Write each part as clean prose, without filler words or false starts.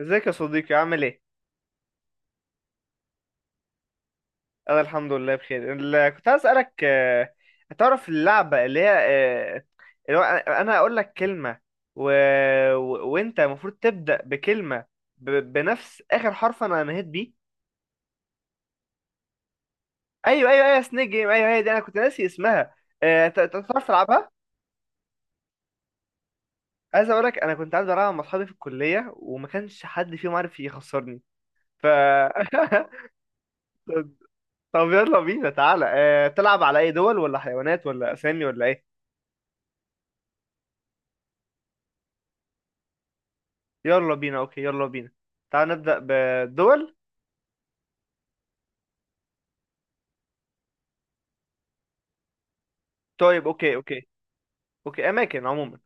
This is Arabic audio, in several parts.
ازيك يا صديقي، عامل ايه؟ انا الحمد لله بخير. كنت عايز اسالك، هتعرف اللعبه اللي هي، اللي هو أنا هقول لك كلمه، و... وانت المفروض تبدا بكلمه بنفس اخر حرف انا نهيت بيه. ايوه ايوه ايوه، سنيك جيم، ايوه أيوة، هي دي. انا كنت ناسي اسمها. تعرف تلعبها؟ عايز اقول لك انا كنت عايز العبها مع اصحابي في الكليه، وما كانش حد فيهم عارف يخسرني. ف طب يلا بينا، تعالى، تلعب على اي دول، ولا حيوانات، ولا اسامي، ولا ايه؟ يلا بينا، اوكي يلا بينا. تعال نبدأ بالدول. طيب اوكي اوكي. اوكي، اماكن عموما.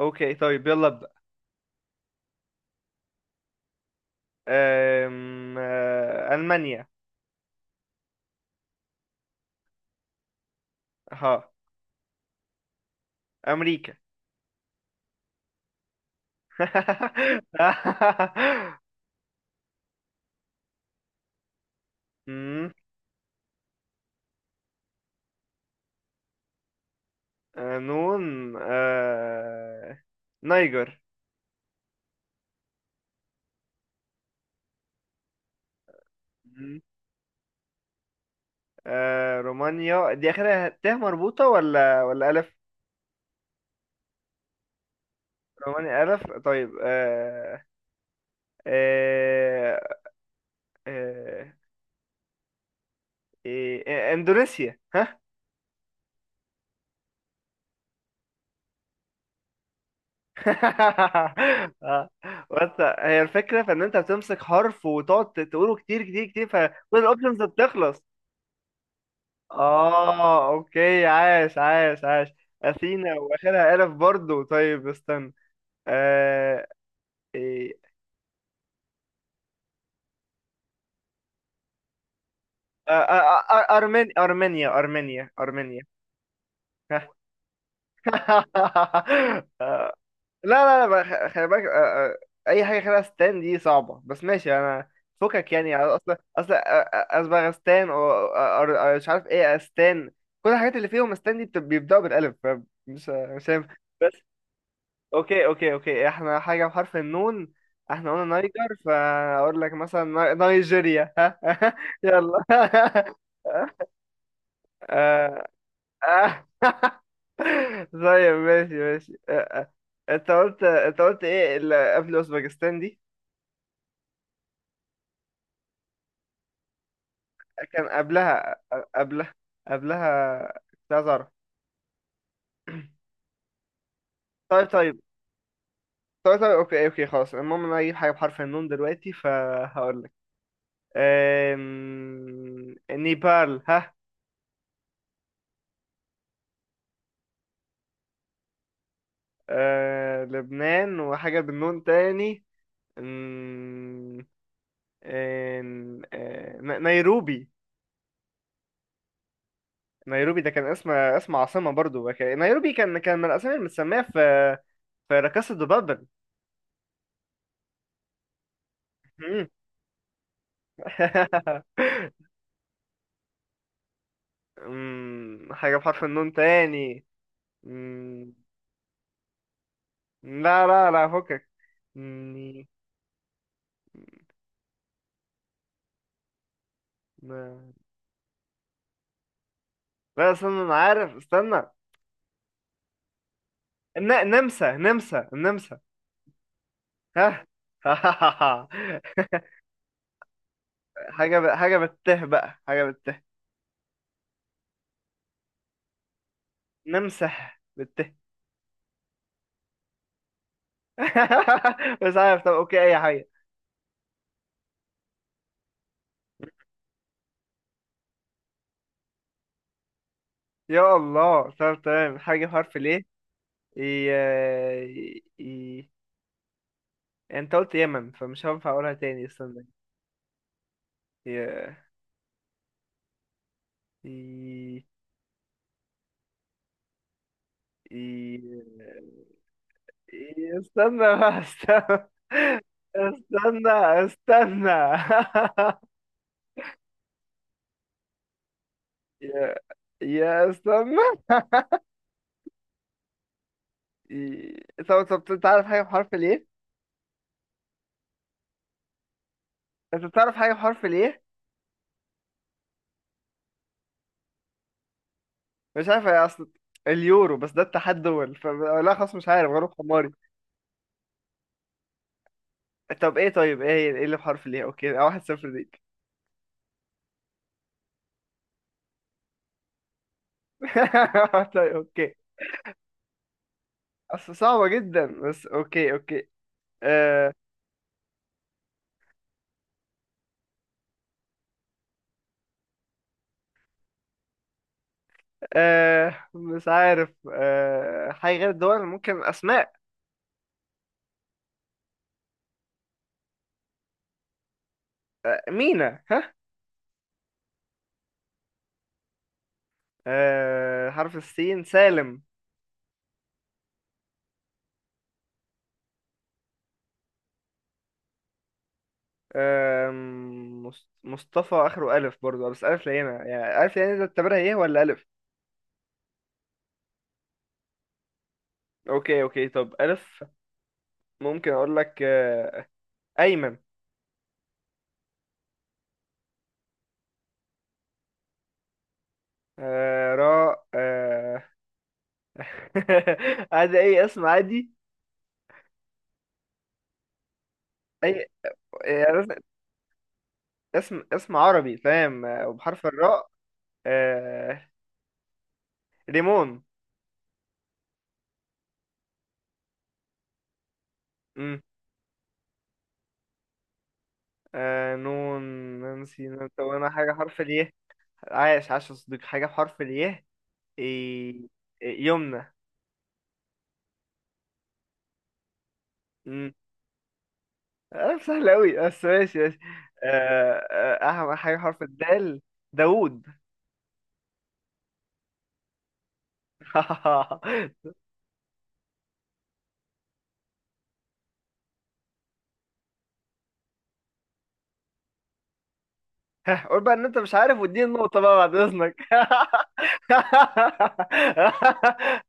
اوكي طيب يلا ابدأ. أم... آه، المانيا. ها، امريكا. أمم، نون. نيجر. أمم، رومانيا دي اخرها ت مربوطة ولا الف؟ رومانيا الف، طيب. آه، آه، آه، إيه، اندونيسيا. آه. بس هي الفكرة في ان انت بتمسك حرف وتقعد تقوله كتير كتير كتير، فكل الاوبشنز بتخلص. اه اوكي، عاش عاش عاش. اثينا، واخرها الف برضو. طيب، استنى. آه. إيه. آه. آه. آه. أرمن... ارمينيا ارمينيا ارمينيا. آه، لا لا لا بقى، خلي بالك. اي حاجه خلال اسنان دي صعبه، بس ماشي. انا فكك يعني، اصلا اصلا. اسبغستان، مش عارف ايه اسنان. كل الحاجات اللي فيهم اسنان دي بيبداوا بالالف. مش هينفع. بس اوكي اوكي اوكي، احنا حاجه بحرف النون. احنا قلنا نايجر، فاقول لك مثلا نيجيريا. ها يلا. آه، آه. طيب ماشي ماشي. انت قلت ايه اللي قبل اوزبكستان دي؟ كان قبلها، قبلها، قبلها. كنت عايز اعرف. طيب طيب طيب طيب، اوكي اوكي، خلاص. المهم انا اجيب حاجه بحرف النون دلوقتي، فهقول لك نيبال. ها لبنان، وحاجه بالنون تاني. أم... نيروبي. نيروبي ده كان اسم عاصمة برضو. نيروبي كان من الأسامي المتسمية في في لا كاسا دو بابل. مم. مم، حاجة بحرف النون تاني. مم، لا لا لا فكك. مم، ما- لا استنى، أنا عارف. استنى. نمسا نمسا نمسا. ها. حاجة حاجة بالته بقى، حاجة بالته. نمسا بالته. مش عارف، طب أوكي، أي حاجة. يا الله. طب تمام، حاجة بحرف ليه. ي... ي... انت قلت يمن، فمش هينفع اقولها تاني. استنى. ي... ي... ي... استنى بقى، استنى، استنى، استنى. يا يا استنى. طب طب، انت عارف حاجة بحرف ليه؟ انت بتعرف حاجة بحرف ليه؟ مش عارف، يا اصل اليورو، بس ده اتحاد دول. لا خلاص، مش عارف، غلب حماري. طب ايه، طيب ايه هي، ايه اللي بحرف ليه؟ اوكي، 1-0 ليك. طيب اوكي. أصل صعبة جدا، بس أوكي أوكي. آه. آه، مش عارف. آه، حاجة غير الدول، ممكن أسماء. آه، مينا. ها آه، حرف السين، سالم. آه، مصطفى. آخره ألف برضو، بس ألف لينة. يعني ألف لينة، ده تعتبرها إيه ولا ألف؟ أوكي أوكي، طب ألف. ممكن أقول لك، آه، أيمن. آه، راء. عادي، أي اسم عادي. أي يعني اسم، اسم عربي فاهم، وبحرف الراء. آه... ريمون. مم. نون، نانسي. طب انا حاجة حرف الياء. عاش عاش يا صديقي، حاجة بحرف الياء. إيه... إيه، يمنى. مم. آه سهل أوي، بس ماشي ماشي. أهم حاجة حرف الدال، داوود. ها، قول بقى ان انت مش عارف، واديني النقطة بقى بعد اذنك.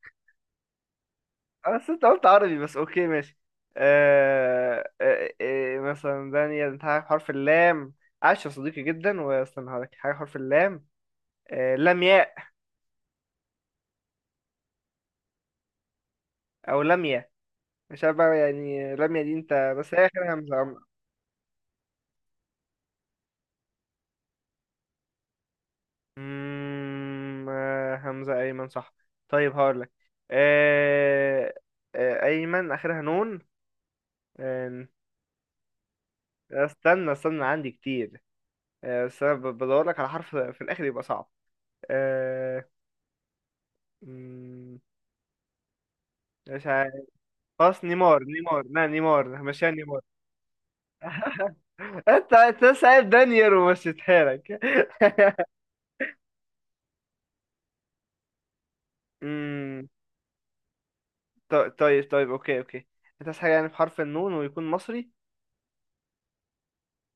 بس انت قلت عربي، بس اوكي ماشي. مثلا دانيال. انت عارف حرف اللام؟ عاش يا صديقي جدا. واستنى هقولك حاجة حرف اللام. لمياء، او لمياء. مش عارف بقى يعني، لمياء دي انت، بس هي اخر همزة. همزة، ايمن صح. طيب هقولك آه... ايمن اخرها نون. آه... استنى عندي كتير. بس انا بدورلك على حرف في الاخر، يبقى صعب. آه... مم... مش عارف. خلاص، نيمار. نيمار، لا نيمار مشيها، نيمار. انت سايب دانيال ومشيتها لك. امم. طيب طيب طيب، اوكي اوكي. انت عايز حاجه يعني بحرف النون ويكون مصري.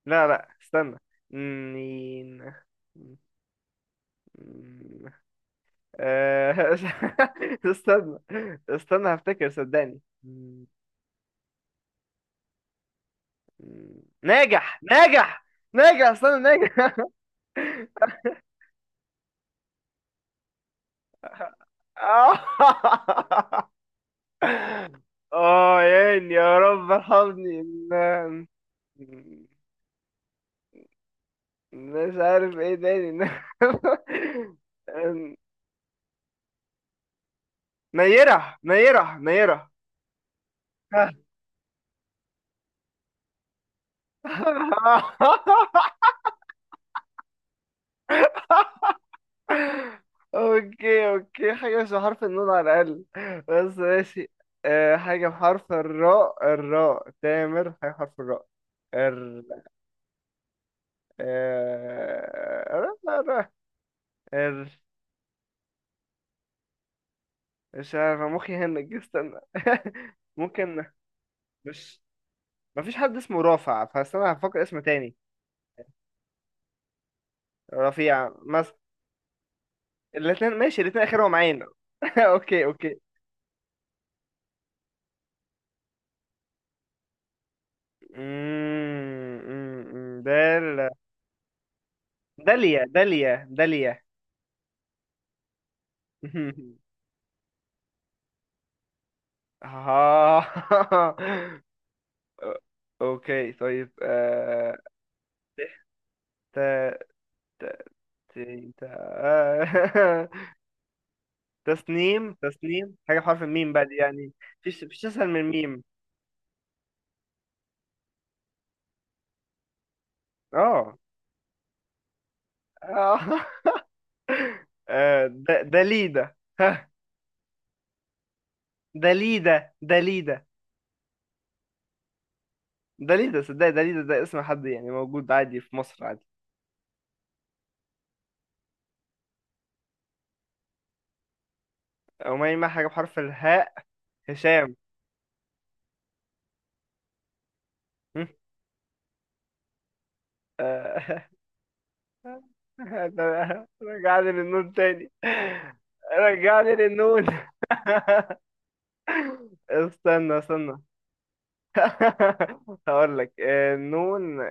لا لا استنى. نين. مم. آه، استنى استنى هفتكر صدقني. مم. ناجح. ناجح ناجح، استنى، ناجح. اه يعني، يا رب ارحمني. مش عارف ايه تاني. إن- إن- نيرة نيرة نيرة. اوكي اوكي، حاجة مش بحرف النون على الأقل، بس ماشي. حاجة بحرف الراء، الراء، تامر، حاجة بحرف الراء. ال آه، الر- الر- الر- مش عارف، مخي هنج. استنى ممكن. مش مفيش حد اسمه رافع، فانا هفكر اسم تاني. رفيع مثلا. الاثنين ماشي، الاثنين اخرهم عين. اوكي اوكي. مم. دال، داليا داليا داليا. آه. اوكي طيب. ت، ت، ت، ت. آه. تسنيم. تسنيم، حاجة بحرف الميم بقى دي يعني. مفيش اسهل من الميم. اه. آه. دليدة. دليدا دليدا دليدا. صدق، دليدا ده اسم حد يعني موجود عادي في مصر، عادي. وما يما، حاجة بحرف الهاء، هشام. هم؟ آه، رجعني للنون تاني، رجعني للنون. استنى هقول لك، نون.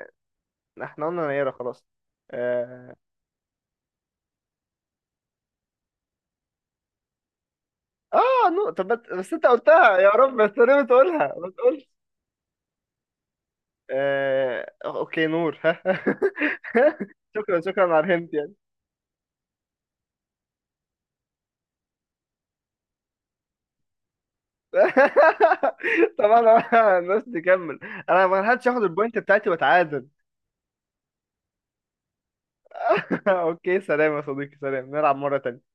احنا قلنا نيرة، خلاص. اه. نون. طب بس انت قلتها، يا رب بس ليه بتقولها، ما تقولش. اوكي، نور. شكرا شكرا على الهنت يعني. طبعا. الناس تكمل. انا ما لحقتش اخد البوينت بتاعتي واتعادل. اوكي سلام يا صديقي، سلام، نلعب مرة تانية.